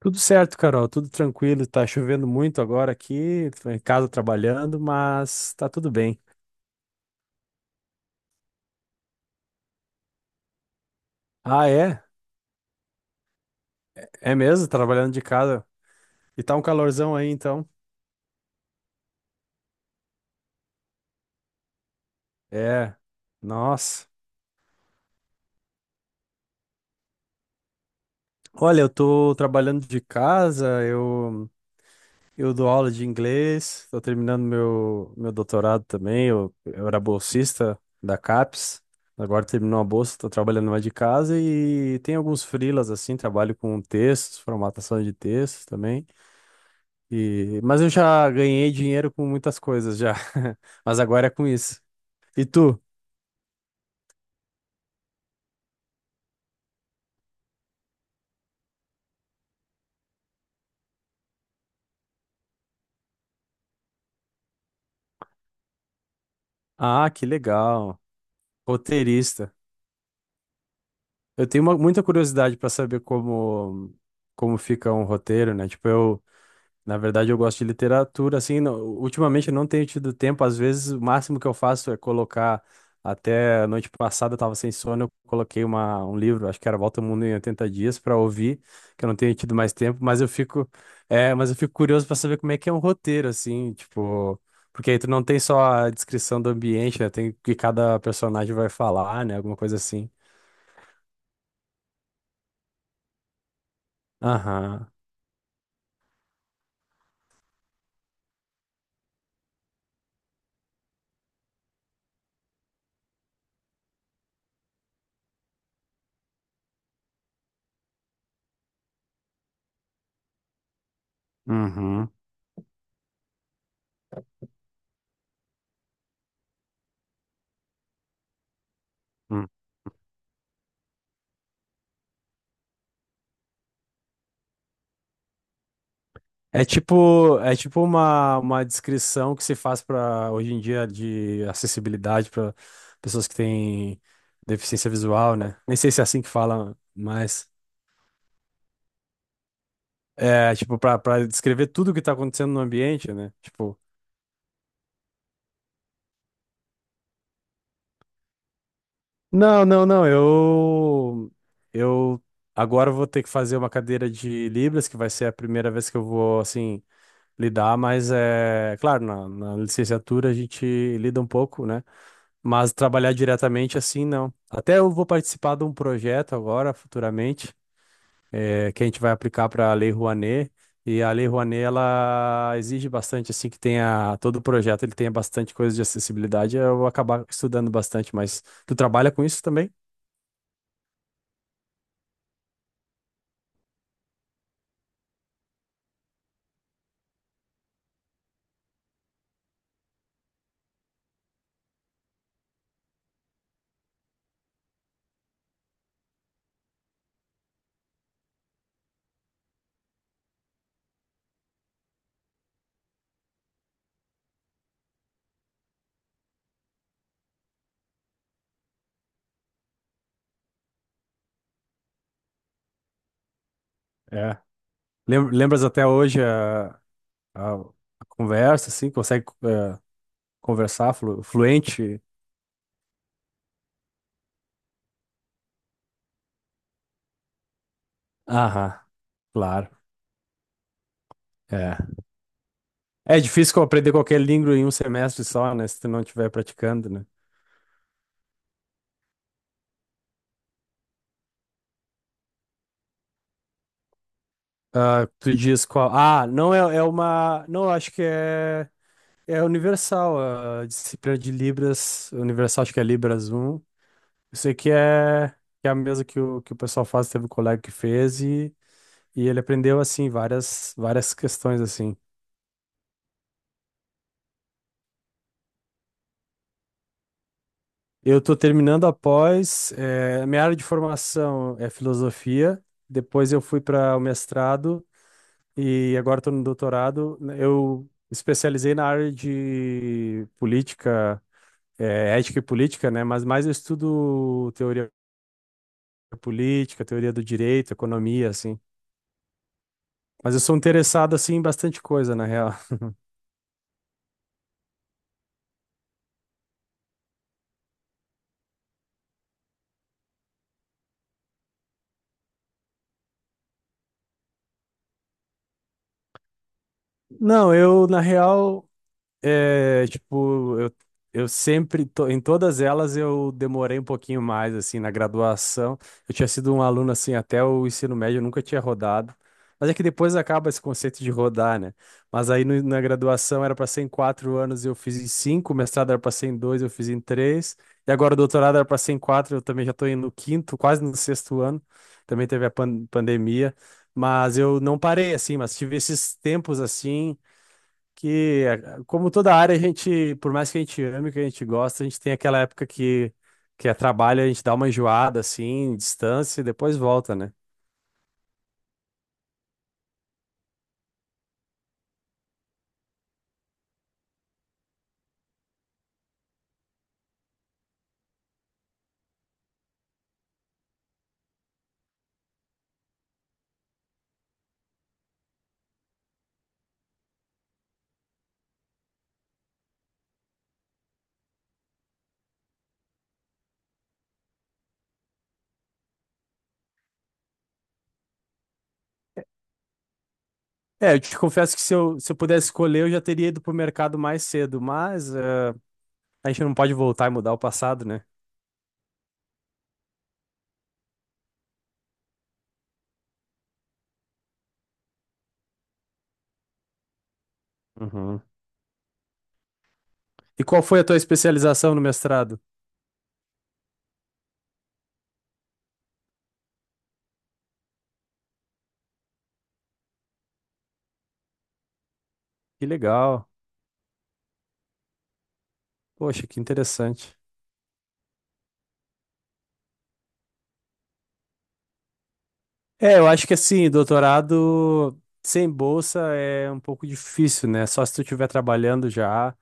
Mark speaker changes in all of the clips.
Speaker 1: Tudo certo, Carol, tudo tranquilo. Tá chovendo muito agora aqui, tô em casa trabalhando, mas tá tudo bem. Ah, é? É mesmo? Trabalhando de casa. E tá um calorzão aí, então? É. Nossa. Olha, eu tô trabalhando de casa, eu dou aula de inglês, tô terminando meu doutorado também. Eu era bolsista da CAPES, agora terminou a bolsa, tô trabalhando mais de casa e tem alguns freelas assim, trabalho com textos, formatação de textos também. Mas eu já ganhei dinheiro com muitas coisas já. Mas agora é com isso. E tu? Ah, que legal. Roteirista. Muita curiosidade para saber como fica um roteiro, né? Tipo, eu Na verdade, eu gosto de literatura, assim, ultimamente eu não tenho tido tempo, às vezes o máximo que eu faço é colocar, até a noite passada eu tava sem sono, eu coloquei um livro, acho que era Volta ao Mundo em 80 Dias, para ouvir, que eu não tenho tido mais tempo, mas eu fico, é, mas eu fico curioso para saber como é que é um roteiro, assim, tipo, porque aí tu não tem só a descrição do ambiente, né, tem o que cada personagem vai falar, né, alguma coisa assim. Aham, uhum, uhum. É tipo uma descrição que se faz para hoje em dia de acessibilidade para pessoas que têm deficiência visual, né? Nem sei se é assim que fala, mas é tipo para descrever tudo o que tá acontecendo no ambiente, né? Tipo, não, eu agora eu vou ter que fazer uma cadeira de Libras, que vai ser a primeira vez que eu vou assim lidar, mas é claro, na licenciatura a gente lida um pouco, né? Mas trabalhar diretamente assim, não. Até eu vou participar de um projeto agora, futuramente, que a gente vai aplicar para a Lei Rouanet. E a Lei Rouanet, ela exige bastante, assim, que tenha, todo o projeto ele tenha bastante coisa de acessibilidade. Eu vou acabar estudando bastante, mas tu trabalha com isso também? É. Lembras até hoje a- a conversa, assim, consegue, conversar fluente? Aham, claro. É É difícil aprender qualquer língua em um semestre só, né? Se tu não estiver praticando, né? Ah, tu diz qual. Ah, não é, é uma. Não, acho que é. É universal. A disciplina de Libras. Universal, acho que é Libras um. Eu sei que é a mesma que que o pessoal faz, teve um colega que fez e ele aprendeu, assim, várias questões, assim. Eu tô terminando após. Eh, minha área de formação é filosofia. Depois eu fui para o mestrado. E agora estou no doutorado. Né, eu especializei na área de política, ética e política, né? Mas mais eu estudo teoria política, teoria do direito, economia, assim. Mas eu sou interessado, assim, em bastante coisa, na real. Não, eu, na real, É, tipo, em todas elas eu demorei um pouquinho mais, assim, na graduação. Eu tinha sido um aluno, assim, até o ensino médio, eu nunca tinha rodado. Mas é que depois acaba esse conceito de rodar, né? Mas aí no- na graduação era para ser em quatro anos, eu fiz em cinco, o mestrado era para ser em dois, eu fiz em três. E agora o doutorado era para ser em quatro, eu também já estou indo no quinto, quase no sexto ano. Também teve a pandemia. Mas eu não parei, assim, mas tive esses tempos, assim, que, como toda área, a gente, por mais que a gente ame, que a gente gosta, a gente tem aquela época que é trabalho, a gente dá uma enjoada, assim, distância, e depois volta, né? É, eu te confesso que se eu pudesse escolher, eu já teria ido pro mercado mais cedo, mas a gente não pode voltar e mudar o passado, né? Uhum. E qual foi a tua especialização no mestrado? Que legal. Poxa, que interessante. É, eu acho que assim, doutorado sem bolsa é um pouco difícil, né? Só se tu estiver trabalhando já.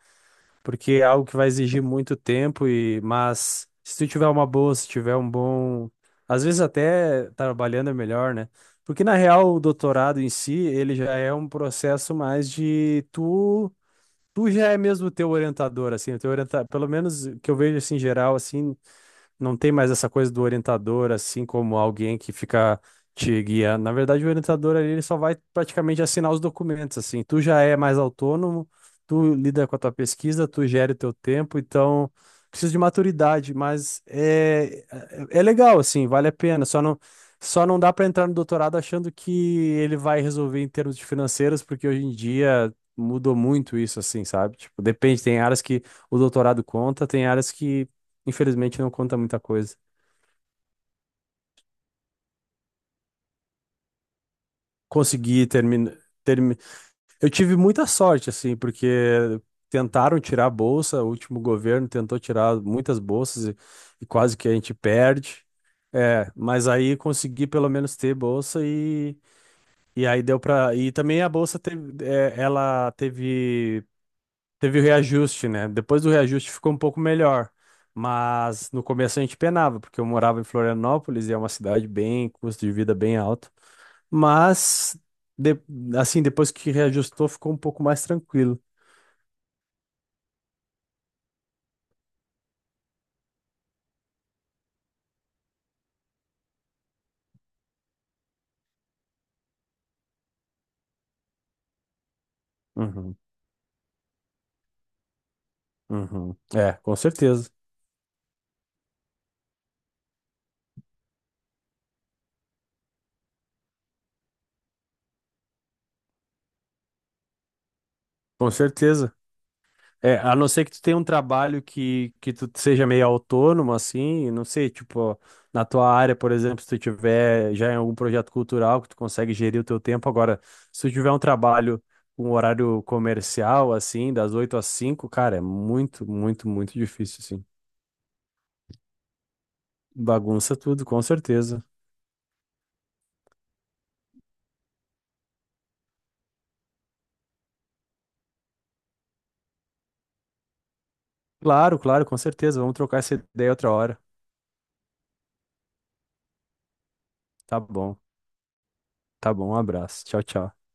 Speaker 1: Porque é algo que vai exigir muito tempo e mas se tu tiver uma boa, se tiver um bom, às vezes até trabalhando é melhor, né? Porque na real o doutorado em si, ele já é um processo mais de tu já é mesmo teu orientador assim, o teu orienta... pelo menos que eu vejo assim em geral assim, não tem mais essa coisa do orientador, assim como alguém que fica te guiando. Na verdade, o orientador ali, ele só vai praticamente assinar os documentos, assim. Tu já é mais autônomo, tu lida com a tua pesquisa, tu gere o teu tempo, então precisa de maturidade, mas é legal, assim, vale a pena. Só não dá para entrar no doutorado achando que ele vai resolver em termos de financeiros, porque hoje em dia mudou muito isso, assim, sabe? Tipo, depende, tem áreas que o doutorado conta, tem áreas que infelizmente não conta muita coisa. Consegui terminar. Termi... Eu tive muita sorte, assim, porque tentaram tirar a bolsa, o último governo tentou tirar muitas bolsas e quase que a gente perde. É, mas aí consegui pelo menos ter bolsa e aí deu para. E também a bolsa teve, é, ela teve, teve o reajuste, né? Depois do reajuste ficou um pouco melhor. Mas no começo a gente penava, porque eu morava em Florianópolis e é uma cidade bem, custo de vida bem alto. Mas, de- assim, depois que reajustou, ficou um pouco mais tranquilo. Uhum, uhum. É, com certeza. Com certeza. É, a não ser que tu tenha um trabalho que tu seja meio autônomo, assim, não sei, tipo, na tua área, por exemplo, se tu tiver já em algum projeto cultural que tu consegue gerir o teu tempo. Agora, se tu tiver um trabalho com horário comercial, assim, das 8 às 5 cara, é muito, muito difícil, assim. Bagunça tudo, com certeza. Claro, claro, com certeza. Vamos trocar essa ideia outra hora. Tá bom. Tá bom, um abraço. Tchau, tchau.